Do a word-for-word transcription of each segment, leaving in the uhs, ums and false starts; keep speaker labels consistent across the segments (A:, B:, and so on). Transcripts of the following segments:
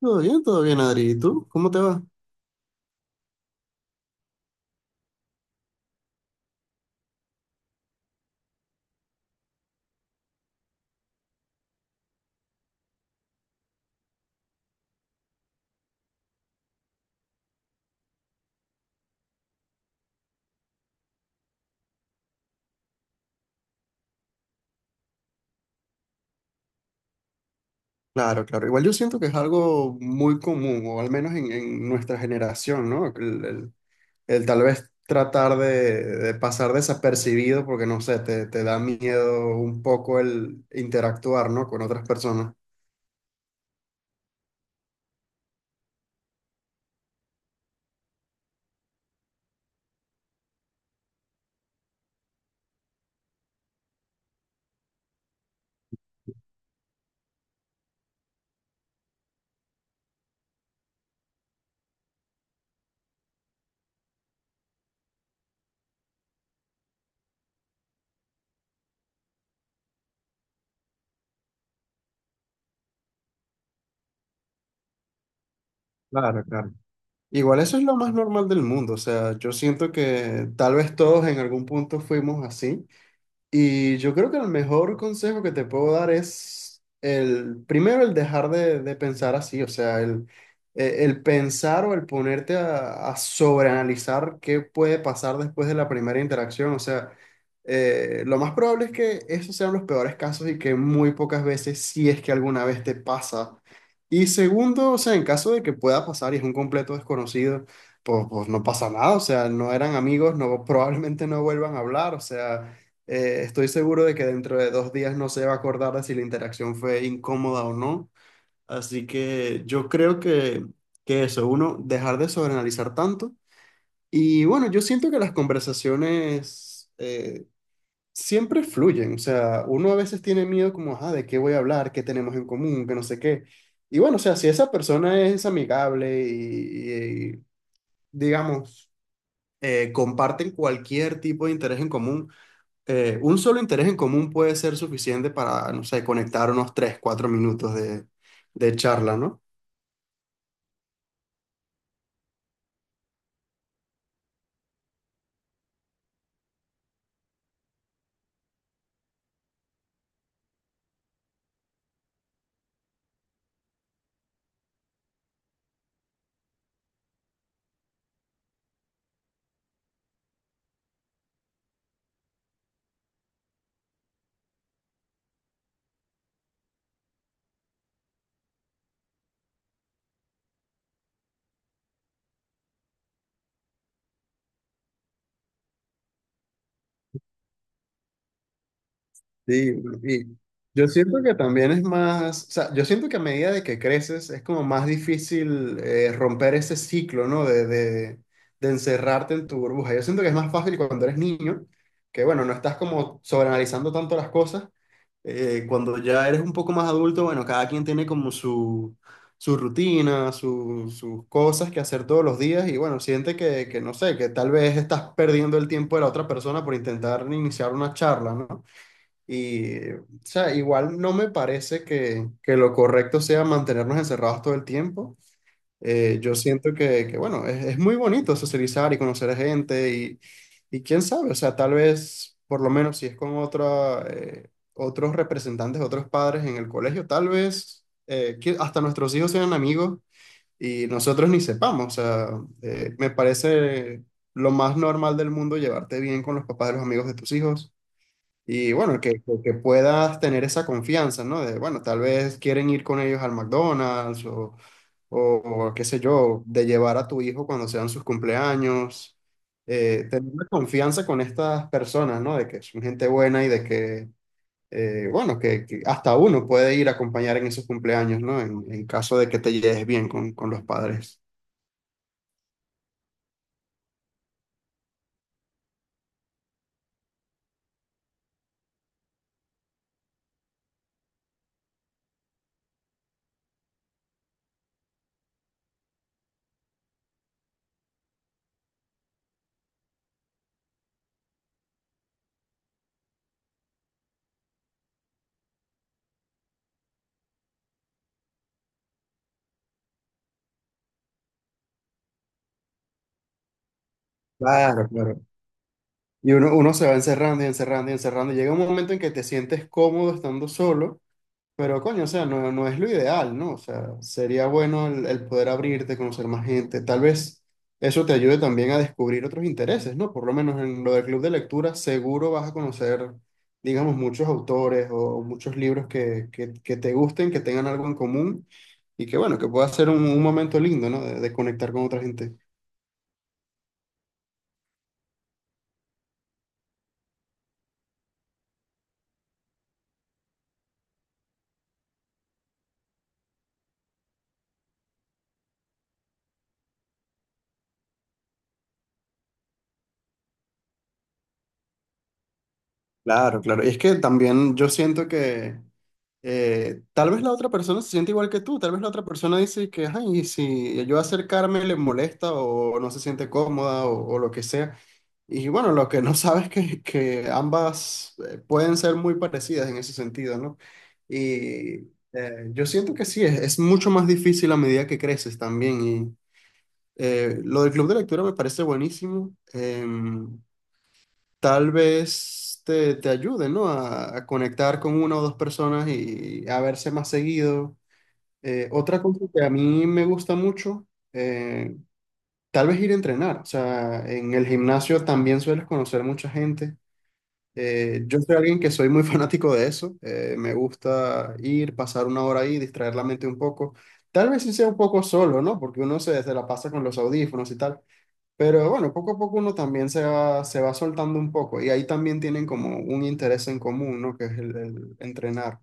A: Todo bien, todo bien, Adri. ¿Y tú? ¿Cómo te va? Claro, claro. Igual yo siento que es algo muy común, o al menos en, en nuestra generación, ¿no? El, el- el tal vez tratar de, de pasar desapercibido porque, no sé, te, te da miedo un poco el interactuar, ¿no? Con otras personas. Claro, claro. Igual eso es lo más normal del mundo. O sea, yo siento que tal vez todos en algún punto fuimos así. Y yo creo que el mejor consejo que te puedo dar es el, primero el dejar de, de pensar así, o sea, el, eh, el pensar o el ponerte a, a sobreanalizar qué puede pasar después de la primera interacción, o sea, eh, lo más probable es que esos sean los peores casos y que muy pocas veces, si es que alguna vez te pasa. Y segundo, o sea, en caso de que pueda pasar y es un completo desconocido, pues, pues no pasa nada, o sea, no eran amigos, no, probablemente no vuelvan a hablar, o sea... Eh, estoy seguro de que dentro de dos días no se va a acordar de si la interacción fue incómoda o no. Así que yo creo que, que eso, uno, dejar de sobreanalizar tanto. Y bueno, yo siento que las conversaciones eh, siempre fluyen. O sea, uno a veces tiene miedo como, ah, ¿de qué voy a hablar? ¿Qué tenemos en común? Que no sé qué. Y bueno, o sea, si esa persona es amigable y, y- y, digamos, eh, comparten cualquier tipo de interés en común, eh, un solo interés en común puede ser suficiente para, no sé, conectar unos tres cuatro minutos de, de charla, ¿no? Sí, pues, y yo siento que también es más, o sea, yo siento que a medida de que creces es como más difícil, eh, romper ese ciclo, ¿no? De, de, de encerrarte en tu burbuja. Yo siento que es más fácil cuando eres niño, que bueno, no estás como sobreanalizando tanto las cosas. Eh, cuando ya eres un poco más adulto, bueno, cada quien tiene como su, su rutina, su- sus cosas que hacer todos los días y bueno, siente que, que no sé, que tal vez estás perdiendo el tiempo de la otra persona por intentar iniciar una charla, ¿no? Y, o sea, igual no me parece que, que lo correcto sea mantenernos encerrados todo el tiempo. Eh, yo siento que, que, bueno, es, es muy bonito socializar y conocer a gente y, y quién sabe, o sea, tal vez, por lo menos si es con otra, eh, otros representantes, otros padres en el colegio, tal vez eh, que hasta nuestros hijos sean amigos y nosotros ni sepamos. O sea, eh, me parece lo más normal del mundo llevarte bien con los papás de los amigos de tus hijos y bueno, que, que puedas tener esa confianza, ¿no? De, bueno, tal vez quieren ir con ellos al McDonald's o, o, o qué sé yo, de llevar a tu hijo cuando sean sus cumpleaños. Eh, tener la confianza con estas personas, ¿no? De que son gente buena y de que, eh, bueno, que, que hasta uno puede ir a acompañar en esos cumpleaños, ¿no? En, en caso de que te lleves bien con, con los padres. Claro, claro. Y uno, uno se va encerrando y encerrando y encerrando, y llega un momento en que te sientes cómodo estando solo. Pero coño, o sea, no, no es lo ideal, ¿no? O sea, sería bueno el, el poder abrirte, conocer más gente. Tal vez eso te ayude también a descubrir otros intereses, ¿no? Por lo menos en lo del club de lectura, seguro vas a conocer, digamos, muchos autores o muchos libros que, que, que te gusten, que tengan algo en común y que, bueno, que pueda ser un, un momento lindo, ¿no? De, de conectar con otra gente. Claro, claro. Y es que también yo siento que... eh, tal vez la otra persona se siente igual que tú, tal vez la otra persona dice que, ay, y si yo acercarme le molesta o no se siente cómoda o, o lo que sea. Y bueno, lo que no sabes es que, que ambas, eh, pueden ser muy parecidas en ese sentido, ¿no? Y eh, yo siento que sí, es, es mucho más difícil a medida que creces también. Y eh, lo del club de lectura me parece buenísimo. Em, tal vez te, te ayude, ¿no? A, a conectar con una o dos personas y a verse más seguido. Eh, otra cosa que a mí me gusta mucho, eh, tal vez ir a entrenar. O sea, en el gimnasio también sueles conocer mucha gente. Eh, yo soy alguien que soy muy fanático de eso. Eh, me gusta ir, pasar una hora ahí, distraer la mente un poco. Tal vez sí sea un poco solo, ¿no? Porque uno se, se la pasa con los audífonos y tal. Pero bueno, poco a poco uno también se va, se va soltando un poco y ahí también tienen como un interés en común, ¿no? Que es el, el entrenar.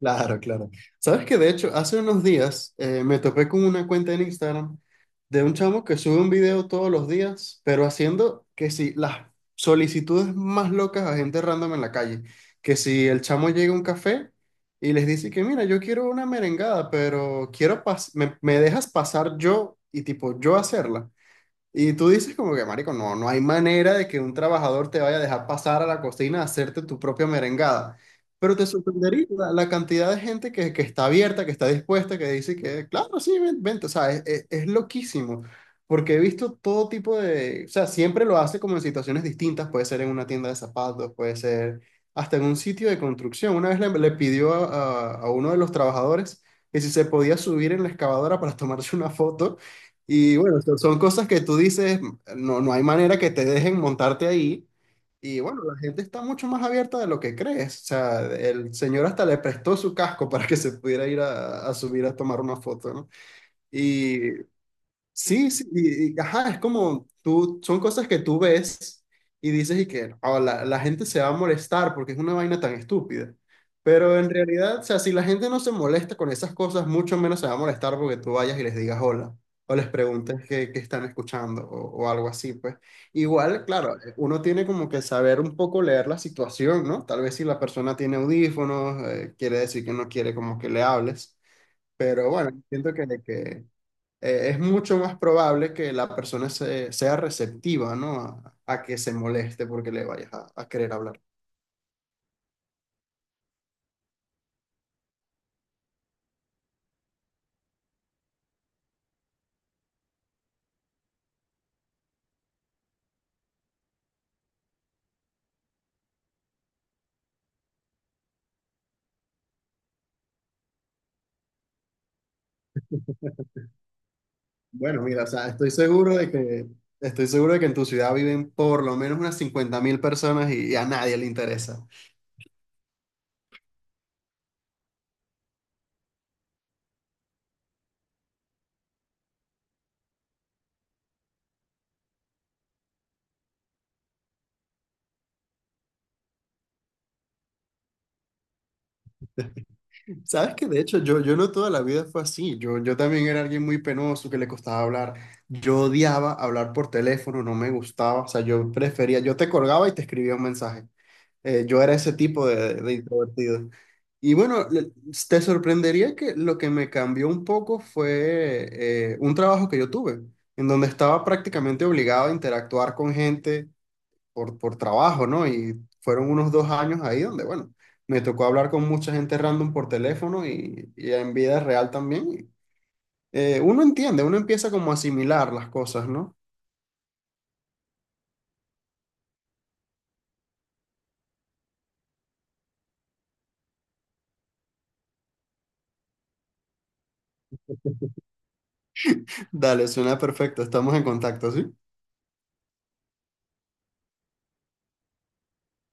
A: Claro, claro. Sabes que de hecho, hace unos días eh, me topé con una cuenta en Instagram de un chamo que sube un video todos los días, pero haciendo que si las solicitudes más locas a gente random en la calle, que si el chamo llega a un café y les dice que mira, yo quiero una merengada, pero quiero pas me, me dejas pasar yo y tipo yo hacerla. Y tú dices como que, marico, no, no hay manera de que un trabajador te vaya a dejar pasar a la cocina a hacerte tu propia merengada. Pero te sorprendería la, la cantidad de gente que, que está abierta, que está dispuesta, que dice que, claro, sí, ven- vente. O sea, es, es- es loquísimo, porque he visto todo tipo de, o sea, siempre lo hace como en situaciones distintas, puede ser en una tienda de zapatos, puede ser hasta en un sitio de construcción. Una vez le, le pidió a, a a uno de los trabajadores que si se podía subir en la excavadora para tomarse una foto. Y bueno, son, son cosas que tú dices, no, no hay manera que te dejen montarte ahí. Y bueno, la gente está mucho más abierta de lo que crees. O sea, el señor hasta le prestó su casco para que se pudiera ir a, a subir a tomar una foto, ¿no? Y sí, sí, y, y, ajá, es como tú, son cosas que tú ves y dices y que "Oh, la, la gente se va a molestar porque es una vaina tan estúpida. Pero en realidad, o sea, si la gente no se molesta con esas cosas, mucho menos se va a molestar porque tú vayas y les digas hola o les preguntes qué, qué están escuchando o, o algo así, pues. Igual, claro, uno tiene como que saber un poco leer la situación, ¿no? Tal vez si la persona tiene audífonos, eh, quiere decir que no quiere como que le hables. Pero bueno, siento que, que eh, es mucho más probable que la persona se- sea receptiva, ¿no? A, a que se moleste porque le vayas a, a querer hablar. Bueno, mira, o sea, estoy seguro de que, estoy seguro de que en tu ciudad viven por lo menos unas cincuenta mil personas y, a nadie le interesa. Sabes que de hecho yo, yo no toda la vida fue así. Yo, yo también era alguien muy penoso que le costaba hablar. Yo odiaba hablar por teléfono, no me gustaba. O sea, yo prefería, yo te colgaba y te escribía un mensaje. Eh, yo era ese tipo de, de introvertido. Y bueno, le- te sorprendería que lo que me cambió un poco fue eh, un trabajo que yo tuve, en donde estaba prácticamente obligado a interactuar con gente por, por trabajo, ¿no? Y fueron unos dos años ahí donde, bueno, me tocó hablar con mucha gente random por teléfono y, y en vida real también. Eh, uno entiende, uno empieza como a asimilar las cosas, ¿no? Dale, suena perfecto, estamos en contacto, ¿sí?